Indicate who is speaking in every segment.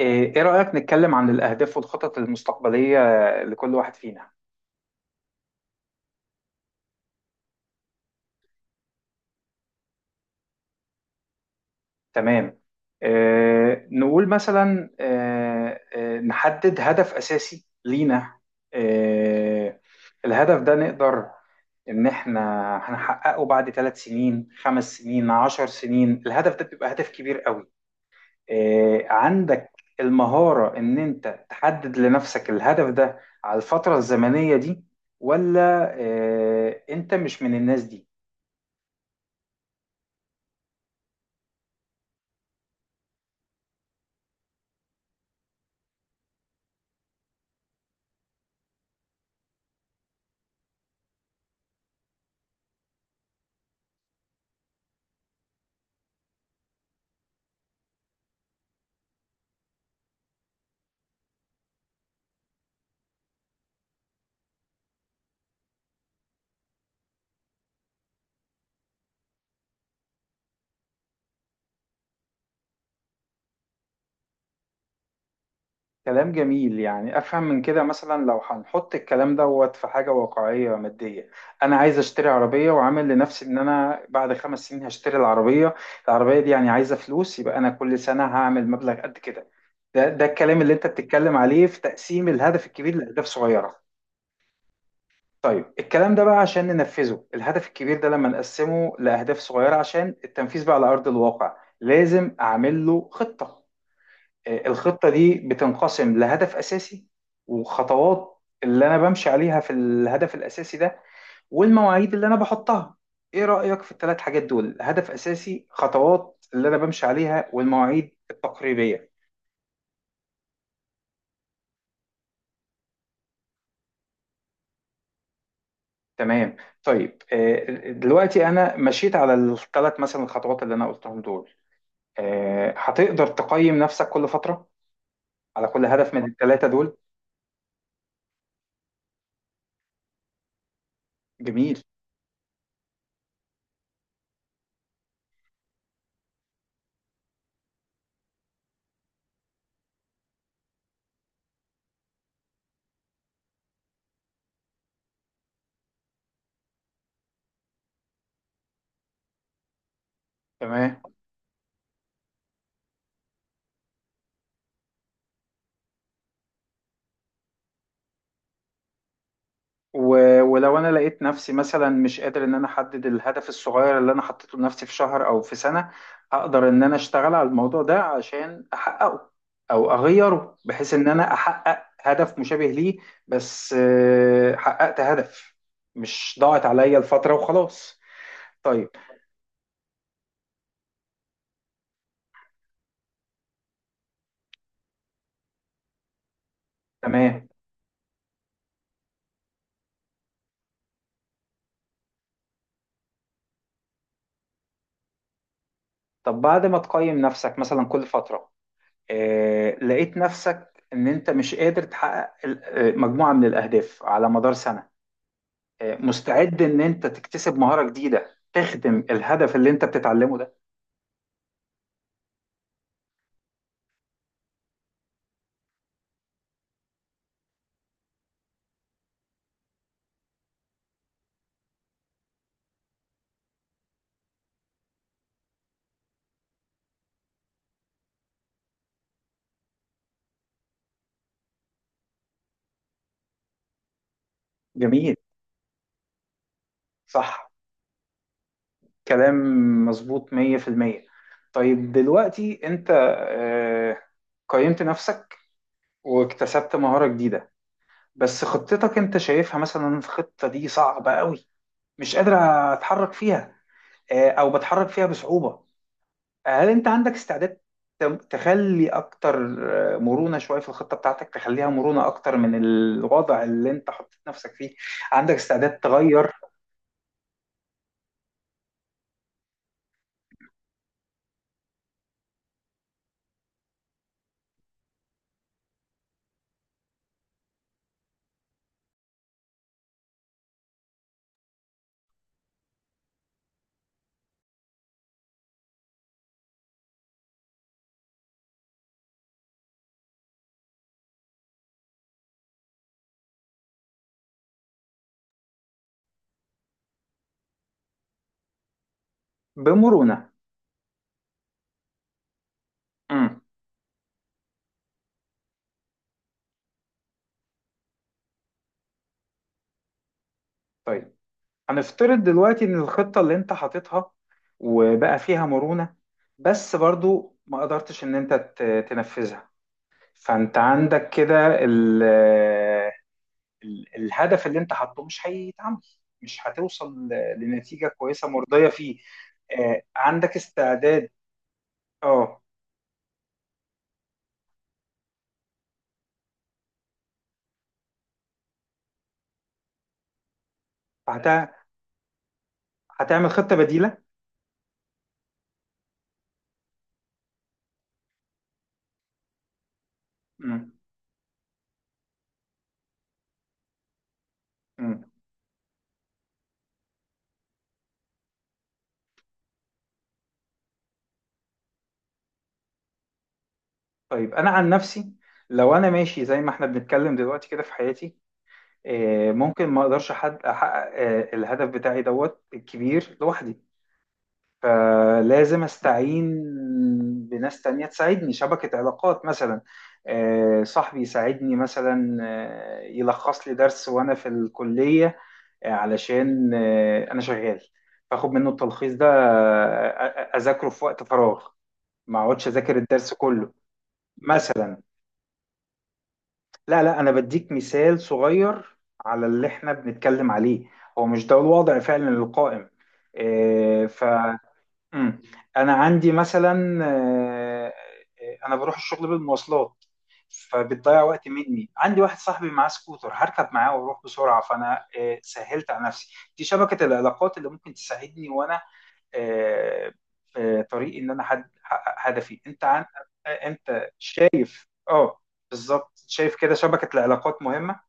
Speaker 1: إيه رأيك نتكلم عن الأهداف والخطط المستقبلية لكل واحد فينا؟ تمام. إيه نقول مثلا إيه نحدد هدف أساسي لينا. إيه الهدف ده نقدر إن إحنا هنحققه بعد 3 سنين، 5 سنين، 10 سنين. الهدف ده بيبقى هدف كبير قوي. إيه عندك المهارة إن أنت تحدد لنفسك الهدف ده على الفترة الزمنية دي ولا إيه أنت مش من الناس دي؟ كلام جميل، يعني افهم من كده مثلا لو هنحط الكلام دوت في حاجه واقعيه ماديه، انا عايز اشتري عربيه وعامل لنفسي ان انا بعد 5 سنين هشتري العربيه. العربيه دي يعني عايزه فلوس، يبقى انا كل سنه هعمل مبلغ قد كده. ده الكلام اللي انت بتتكلم عليه في تقسيم الهدف الكبير لاهداف صغيره. طيب الكلام ده بقى عشان ننفذه، الهدف الكبير ده لما نقسمه لاهداف صغيره عشان التنفيذ بقى على ارض الواقع، لازم اعمل له خطه. الخطة دي بتنقسم لهدف أساسي وخطوات اللي أنا بمشي عليها في الهدف الأساسي ده والمواعيد اللي أنا بحطها. إيه رأيك في الثلاث حاجات دول، هدف أساسي، خطوات اللي أنا بمشي عليها، والمواعيد التقريبية؟ تمام. طيب، دلوقتي أنا مشيت على الثلاث مثلا الخطوات اللي أنا قلتهم دول. هتقدر تقيم نفسك كل فترة على كل هدف من الثلاثة دول؟ جميل. تمام. ولو انا لقيت نفسي مثلا مش قادر ان انا احدد الهدف الصغير اللي انا حطيته لنفسي في شهر او في سنة، هقدر ان انا اشتغل على الموضوع ده عشان احققه، او اغيره بحيث ان انا احقق هدف مشابه ليه. بس حققت هدف، مش ضاعت عليا الفترة وخلاص. طيب. تمام. طب بعد ما تقيم نفسك مثلا كل فترة، لقيت نفسك ان انت مش قادر تحقق مجموعة من الاهداف على مدار سنة، مستعد ان انت تكتسب مهارة جديدة تخدم الهدف اللي انت بتتعلمه ده؟ جميل. صح. كلام مظبوط 100%. طيب دلوقتي انت آه، قيمت نفسك واكتسبت مهارة جديدة، بس خطتك انت شايفها مثلا الخطة دي صعبة قوي، مش قادر اتحرك فيها، او بتحرك فيها بصعوبة. هل انت عندك استعداد تخلي اكتر مرونة شوية في الخطة بتاعتك، تخليها مرونة اكتر من الوضع اللي انت حطيت نفسك فيه؟ عندك استعداد تغير بمرونة؟ امم. طيب، هنفترض دلوقتي ان الخطة اللي انت حاططها وبقى فيها مرونة، بس برضو ما قدرتش ان انت تنفذها. فانت عندك كده الهدف اللي انت حاطه مش هيتعمل، مش هتوصل لنتيجة كويسة مرضية فيه. عندك استعداد؟ اه. هت... هتعمل خطة بديلة؟ مم. مم. طيب انا عن نفسي، لو انا ماشي زي ما احنا بنتكلم دلوقتي كده في حياتي، ممكن ما اقدرش حد احقق الهدف بتاعي دوت الكبير لوحدي، فلازم استعين بناس تانية تساعدني، شبكة علاقات مثلا. صاحبي يساعدني مثلا، يلخص لي درس وانا في الكلية، علشان انا شغال، فاخد منه التلخيص ده اذاكره في وقت فراغ، ما اقعدش اذاكر الدرس كله مثلا. لا، لا، انا بديك مثال صغير على اللي احنا بنتكلم عليه، هو مش ده الوضع فعلا القائم. مم. انا عندي مثلا انا بروح الشغل بالمواصلات، فبتضيع وقت مني، عندي واحد صاحبي معاه سكوتر هركب معاه واروح بسرعه، فانا سهلت على نفسي. دي شبكه العلاقات اللي ممكن تساعدني وانا آه، في طريق ان انا احقق هدفي. انت عن آه، انت شايف؟ اه، بالظبط. شايف كده شبكه العلاقات مهمه.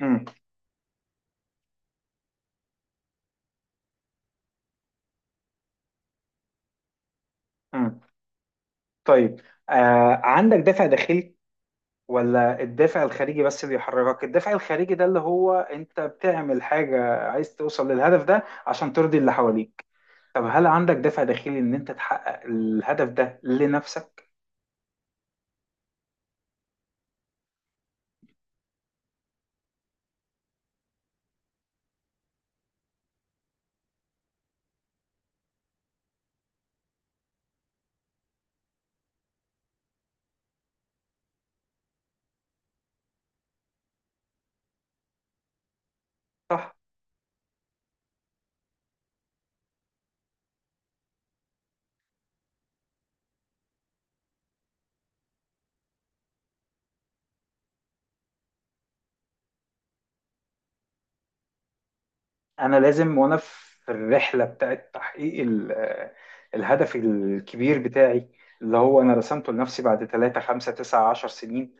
Speaker 1: مم. مم. طيب عندك دافع داخلي ولا الدافع الخارجي بس اللي يحركك؟ الدافع الخارجي ده اللي هو انت بتعمل حاجة عايز توصل للهدف ده عشان ترضي اللي حواليك. طب هل عندك دافع داخلي ان انت تحقق الهدف ده لنفسك؟ صح. انا لازم وانا في الرحلة بتاعت تحقيق الهدف الكبير بتاعي اللي هو انا رسمته لنفسي بعد 3 5 9 10 سنين،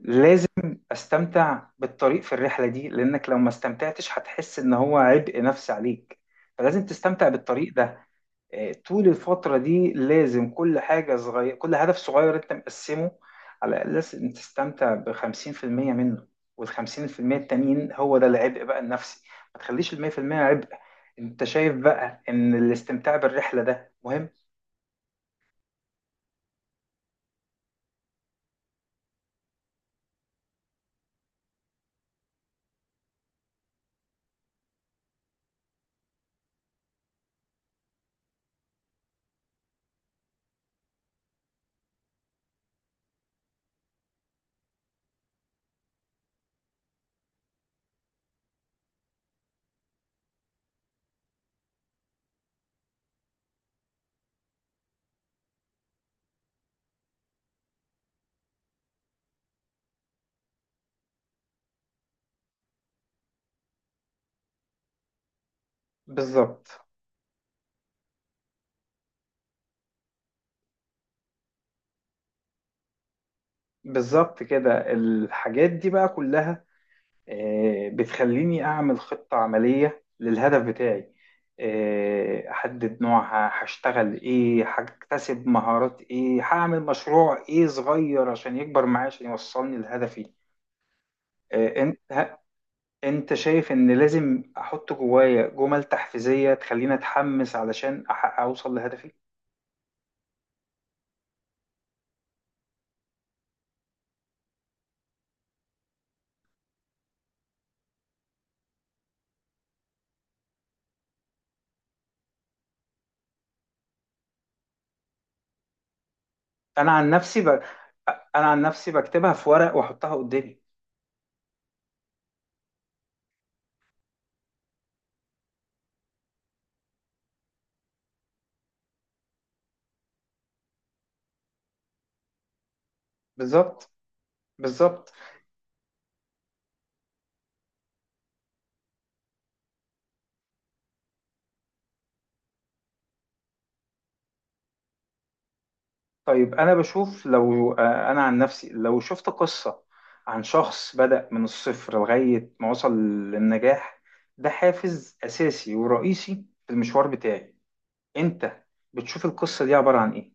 Speaker 1: لازم استمتع بالطريق في الرحلة دي، لانك لو ما استمتعتش هتحس ان هو عبء نفسي عليك، فلازم تستمتع بالطريق ده. طول الفترة دي لازم كل حاجة صغيرة، كل هدف صغير انت مقسمه، على الأساس ان تستمتع بـ50% منه، والخمسين في المية التانيين هو ده العبء بقى النفسي، ما تخليش 100% عبء. انت شايف بقى ان الاستمتاع بالرحلة ده مهم؟ بالظبط. بالظبط. كده الحاجات دي بقى كلها بتخليني أعمل خطة عملية للهدف بتاعي، أحدد نوعها، هشتغل إيه، هكتسب مهارات إيه، هعمل مشروع إيه صغير عشان يكبر معايا، عشان يوصلني لهدفي. آه، أنت ه- أنت شايف إن لازم أحط جوايا جمل تحفيزية تخليني أتحمس علشان أحقق أوصل لهدفي؟ أنا عن نفسي ب... أنا عن نفسي بكتبها في ورق وأحطها قدامي. بالظبط. بالظبط. طيب أنا بشوف، لو أنا عن نفسي لو شفت قصة عن شخص بدأ من الصفر لغاية ما وصل للنجاح، ده حافز أساسي ورئيسي في المشوار بتاعي. أنت بتشوف القصة دي عبارة عن إيه؟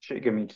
Speaker 1: شيء جميل.